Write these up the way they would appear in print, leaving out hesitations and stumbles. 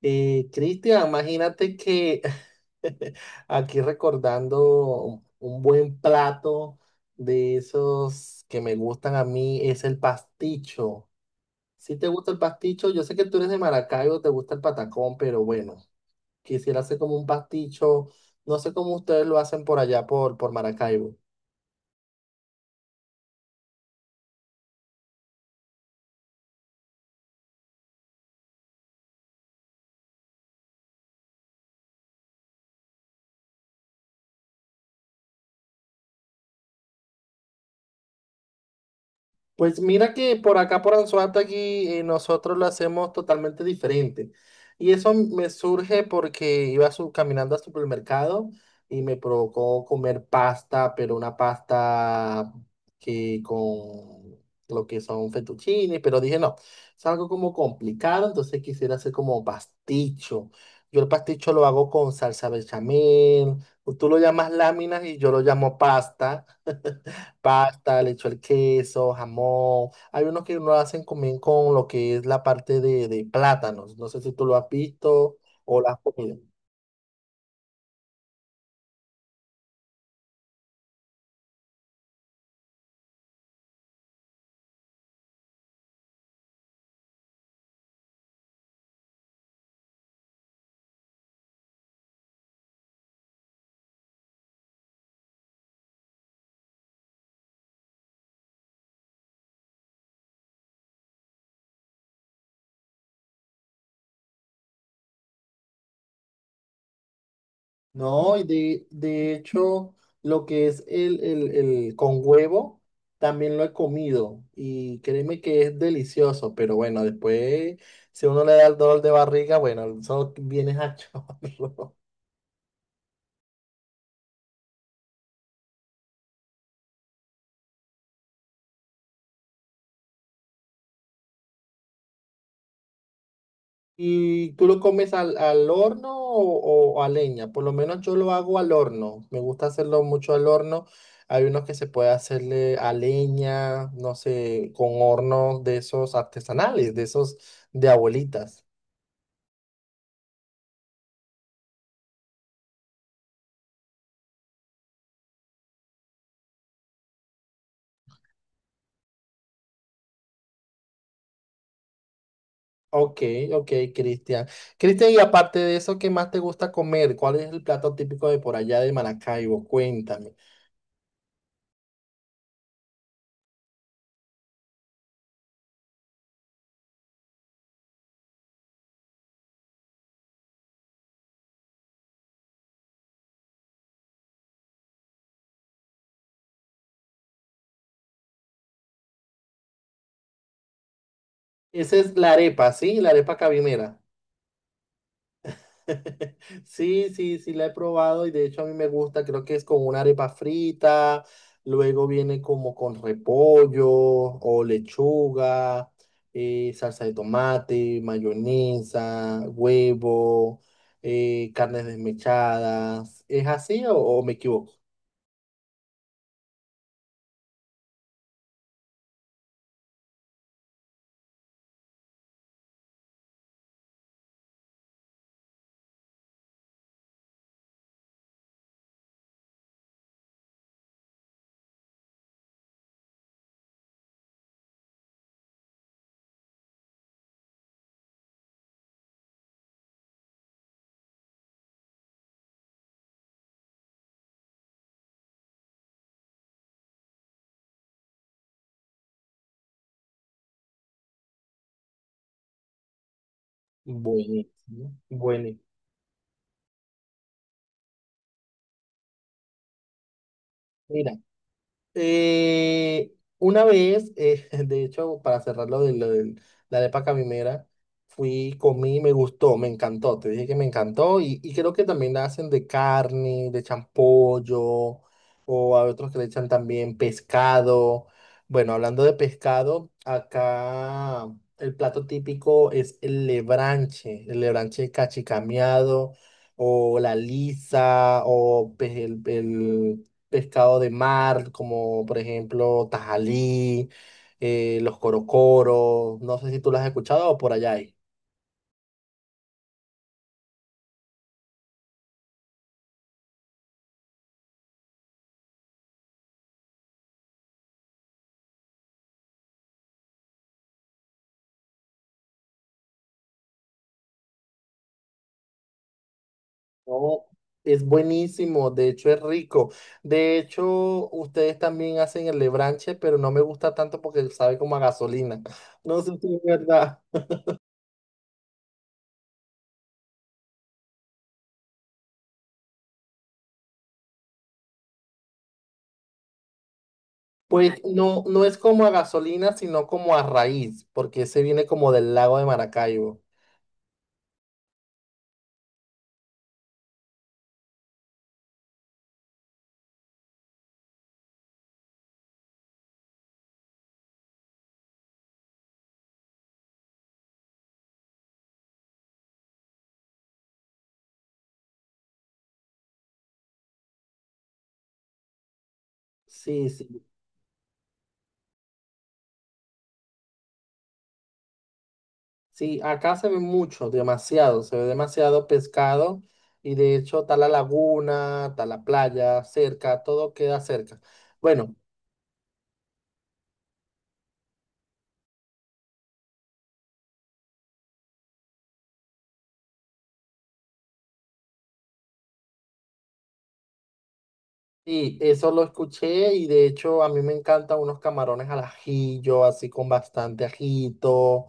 Cristian, imagínate que aquí recordando un buen plato de esos que me gustan a mí es el pasticho. Si te gusta el pasticho, yo sé que tú eres de Maracaibo, te gusta el patacón, pero bueno, quisiera hacer como un pasticho. No sé cómo ustedes lo hacen por allá por Maracaibo. Pues mira que por acá, por Anzoátegui, nosotros lo hacemos totalmente diferente. Y eso me surge porque iba caminando al supermercado y me provocó comer pasta, pero una pasta que con lo que son fettuccine, pero dije no, es algo como complicado, entonces quisiera hacer como pasticho. Yo el pasticho lo hago con salsa bechamel, tú lo llamas láminas y yo lo llamo pasta. Pasta, le echo el queso, jamón. Hay unos que lo hacen también con lo que es la parte de plátanos. No sé si tú lo has visto o lo has comido. No, y de hecho, lo que es el con huevo, también lo he comido. Y créeme que es delicioso, pero bueno, después, si uno le da el dolor de barriga, bueno, eso viene a chorro. ¿Y tú lo comes al horno o a leña? Por lo menos yo lo hago al horno. Me gusta hacerlo mucho al horno. Hay unos que se puede hacerle a leña, no sé, con hornos de esos artesanales, de esos de abuelitas. Ok, ok, Cristian. Cristian, y aparte de eso, ¿qué más te gusta comer? ¿Cuál es el plato típico de por allá de Maracaibo? Cuéntame. Esa es la arepa, ¿sí? La arepa cabimera. Sí, sí, sí, la he probado y de hecho a mí me gusta, creo que es con una arepa frita, luego viene como con repollo o lechuga, salsa de tomate, mayonesa, huevo, carnes desmechadas. ¿Es así o me equivoco? Buenísimo, buenísimo. Eh, una vez, de hecho, para cerrar lo de la arepa caminera, fui, comí, me gustó, me encantó. Te dije que me encantó y creo que también la hacen de carne, de champollo, o a otros que le echan también pescado. Bueno, hablando de pescado, acá el plato típico es el lebranche cachicameado, o la lisa, o pues, el pescado de mar, como por ejemplo tajalí, los corocoros, no sé si tú lo has escuchado o por allá hay. No, es buenísimo, de hecho es rico. De hecho, ustedes también hacen el lebranche, pero no me gusta tanto porque sabe como a gasolina. No sé si es verdad. Pues no, no es como a gasolina, sino como a raíz, porque ese viene como del lago de Maracaibo. Sí, sí. Sí, acá se ve mucho, demasiado, se ve demasiado pescado y de hecho está la laguna, está la playa cerca, todo queda cerca. Bueno, y eso lo escuché y de hecho a mí me encantan unos camarones al ajillo, así con bastante ajito,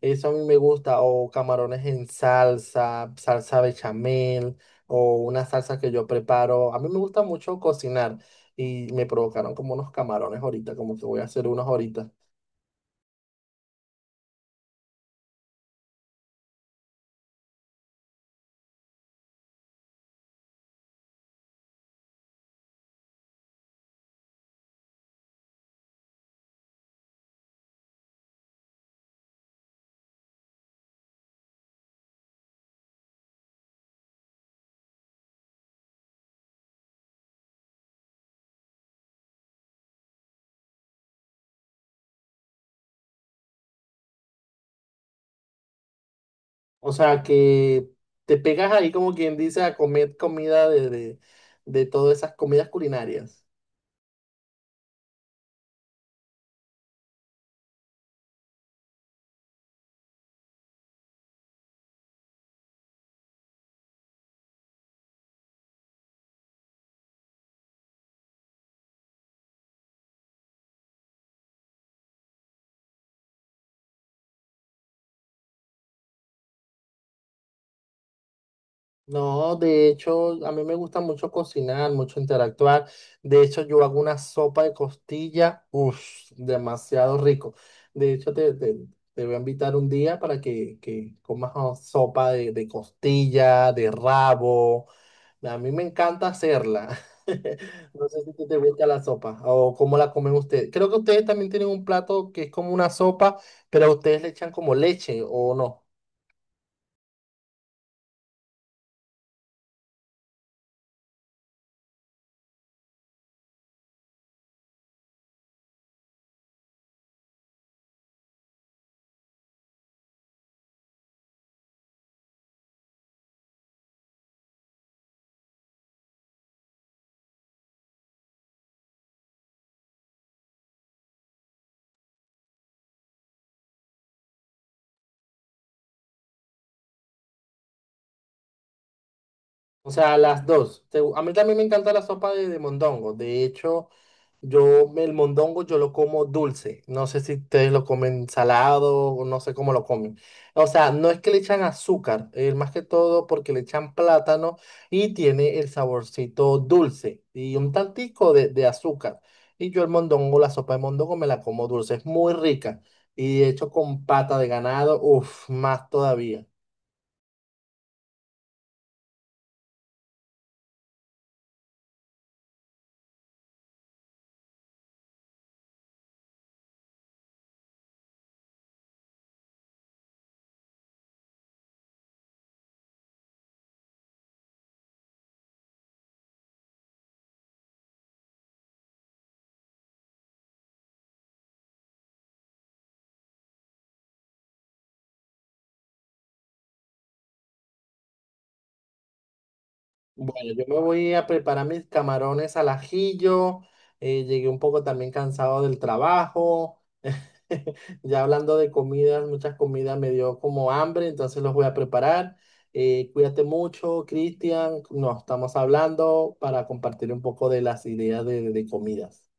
eso a mí me gusta, o camarones en salsa, salsa bechamel o una salsa que yo preparo. A mí me gusta mucho cocinar y me provocaron como unos camarones ahorita, como que voy a hacer unos ahorita. O sea, que te pegas ahí como quien dice a comer comida de todas esas comidas culinarias. No, de hecho, a mí me gusta mucho cocinar, mucho interactuar. De hecho, yo hago una sopa de costilla, uff, demasiado rico. De hecho, te voy a invitar un día para que comas oh, sopa de costilla, de rabo. A mí me encanta hacerla. No sé si te gusta la sopa o cómo la comen ustedes. Creo que ustedes también tienen un plato que es como una sopa, pero ustedes le echan como leche o no. O sea, las dos. Te- A mí también me encanta la sopa de mondongo. De hecho, yo el mondongo yo lo como dulce. No sé si ustedes lo comen salado o no sé cómo lo comen. O sea, no es que le echan azúcar, más que todo porque le echan plátano y tiene el saborcito dulce y un tantico de azúcar. Y yo el mondongo, la sopa de mondongo me la como dulce. Es muy rica. Y de hecho con pata de ganado, uff, más todavía. Bueno, yo me voy a preparar mis camarones al ajillo. Llegué un poco también cansado del trabajo. Ya hablando de comidas, muchas comidas me dio como hambre, entonces los voy a preparar. Cuídate mucho, Cristian. Nos estamos hablando para compartir un poco de las ideas de comidas.